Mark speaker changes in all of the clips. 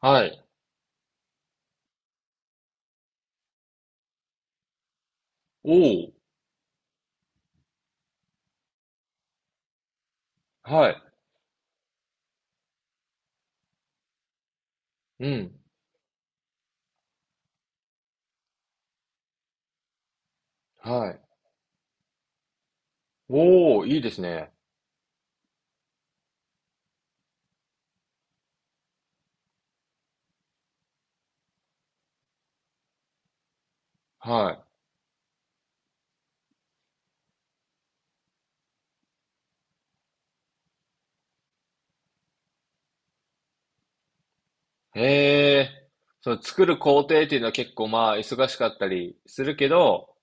Speaker 1: はい。おお。はい。うん。はい。おお、いいですね。はい。へえ。その作る工程っていうのは結構まあ忙しかったりするけど、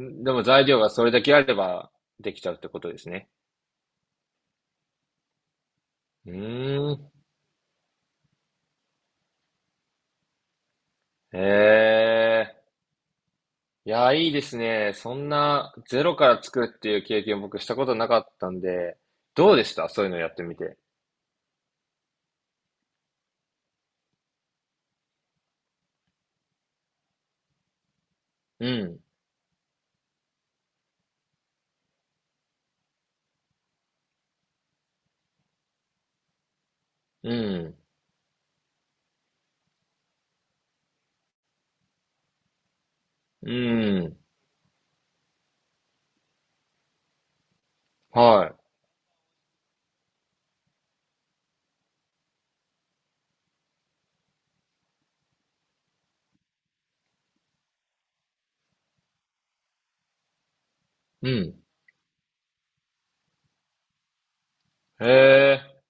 Speaker 1: んでも材料がそれだけあればできちゃうってことですね。うーん。へえ。いや、いいですね。そんなゼロから作るっていう経験僕したことなかったんで、どうでしたそういうのやってみて？うん。うん。うん。はい。うん。へえ。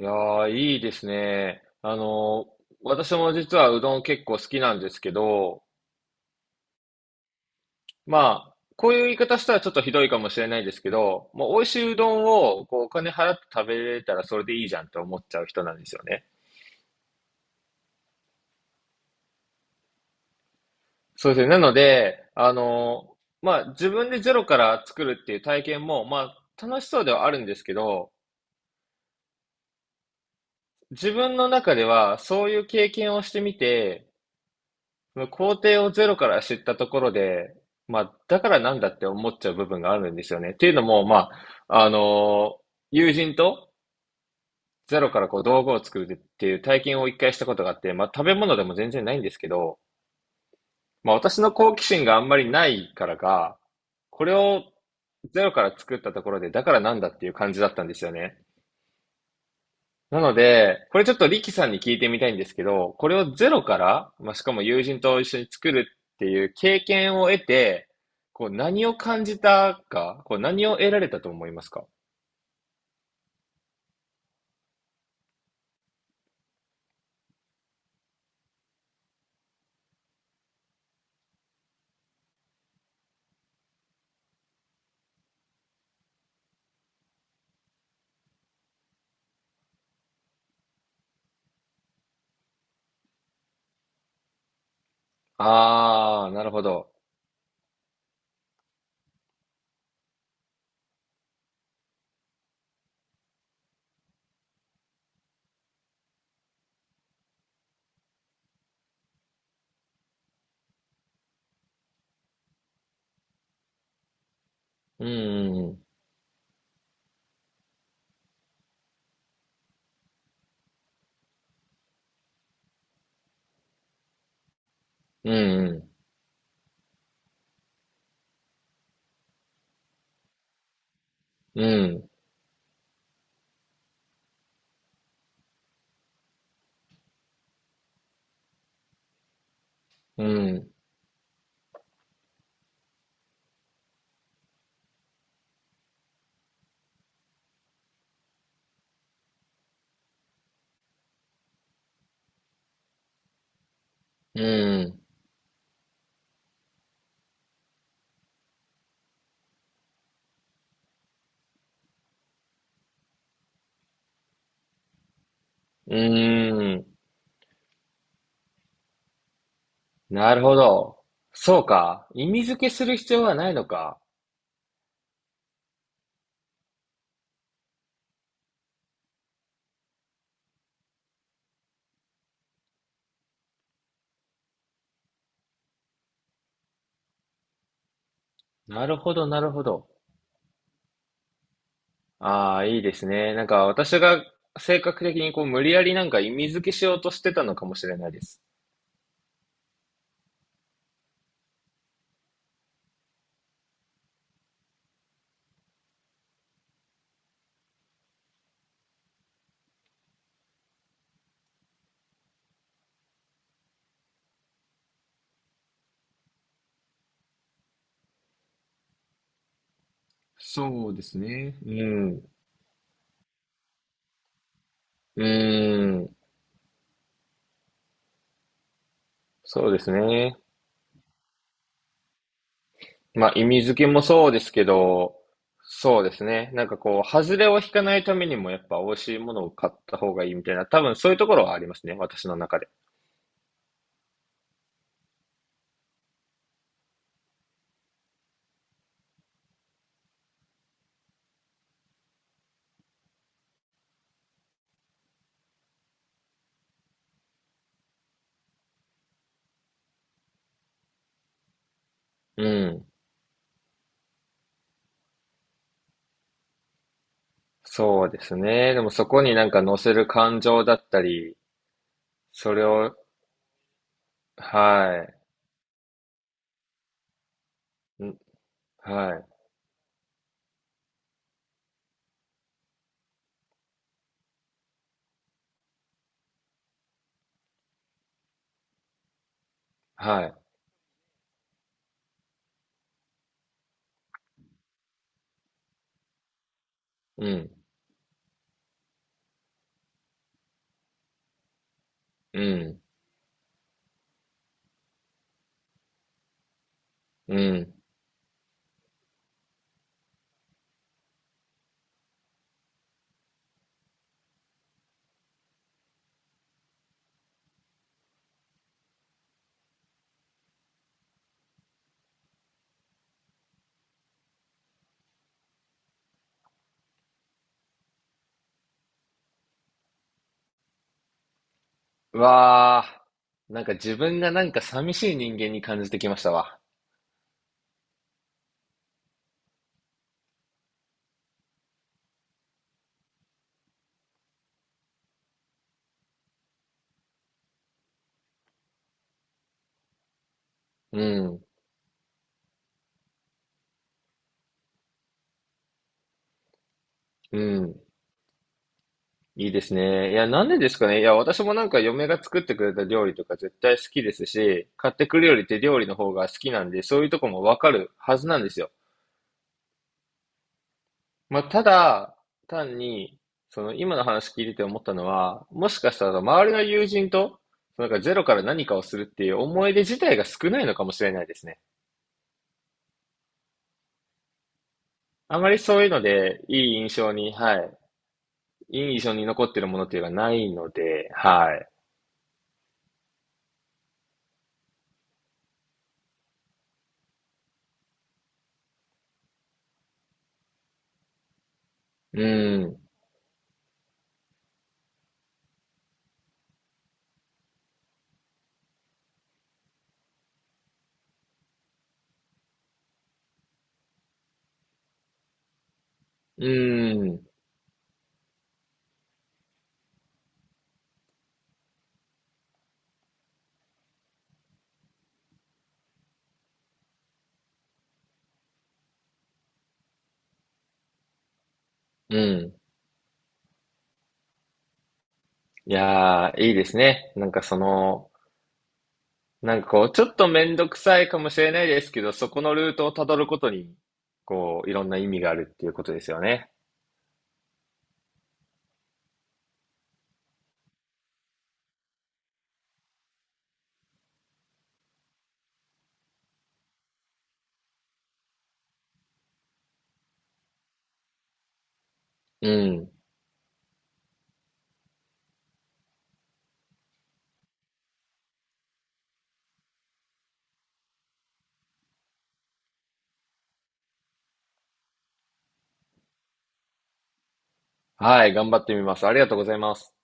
Speaker 1: いやー、いいですね。私も実はうどん結構好きなんですけど、まあ、こういう言い方したらちょっとひどいかもしれないですけど、もう美味しいうどんをこうお金払って食べれたらそれでいいじゃんって思っちゃう人なんですよね。そうですね。なので、まあ、自分でゼロから作るっていう体験も、まあ、楽しそうではあるんですけど、自分の中ではそういう経験をしてみて、その工程をゼロから知ったところで、まあ、だからなんだって思っちゃう部分があるんですよね。っていうのも、まあ、あの友人とゼロからこう道具を作るっていう体験を一回したことがあって、まあ、食べ物でも全然ないんですけど、まあ、私の好奇心があんまりないからか、これをゼロから作ったところで、だからなんだっていう感じだったんですよね。なので、これちょっとリキさんに聞いてみたいんですけど、これをゼロから、まあ、しかも友人と一緒に作るっていう経験を得て、こう何を感じたか、こう何を得られたと思いますか？ああー、なるほど。うん、うん、うん、うん、うん、うん、うん。なるほど。そうか。意味付けする必要はないのか。なるほど、なるほど。ああ、いいですね。なんか私が性格的にこう無理やりなんか意味付けしようとしてたのかもしれないです。そうですね。ううん。ん。うーん。そうですね。まあ意味付けもそうですけど、そうですね。なんかこう、外れを引かないためにもやっぱ美味しいものを買った方がいいみたいな、多分そういうところはありますね。私の中で。うん。そうですね。でもそこになんか乗せる感情だったり、それを、はい。ん。はい。はい。うん。うん、うん。うわあ、なんか自分がなんか寂しい人間に感じてきましたわ。うん、うん。いいですね。いや、なんでですかね。いや、私もなんか嫁が作ってくれた料理とか絶対好きですし、買ってくるよりって料理の方が好きなんで、そういうとこもわかるはずなんですよ。まあ、ただ、単に、その今の話聞いてて思ったのは、もしかしたら周りの友人と、なんかゼロから何かをするっていう思い出自体が少ないのかもしれないですね。あまりそういうので、いい印象に、はい。いい印象に残ってるものっていうのがないので、はい。うん。うん。うん。いやー、いいですね。なんかその、なんかこう、ちょっとめんどくさいかもしれないですけど、そこのルートをたどることに、こう、いろんな意味があるっていうことですよね。うん。はい、頑張ってみます。ありがとうございます。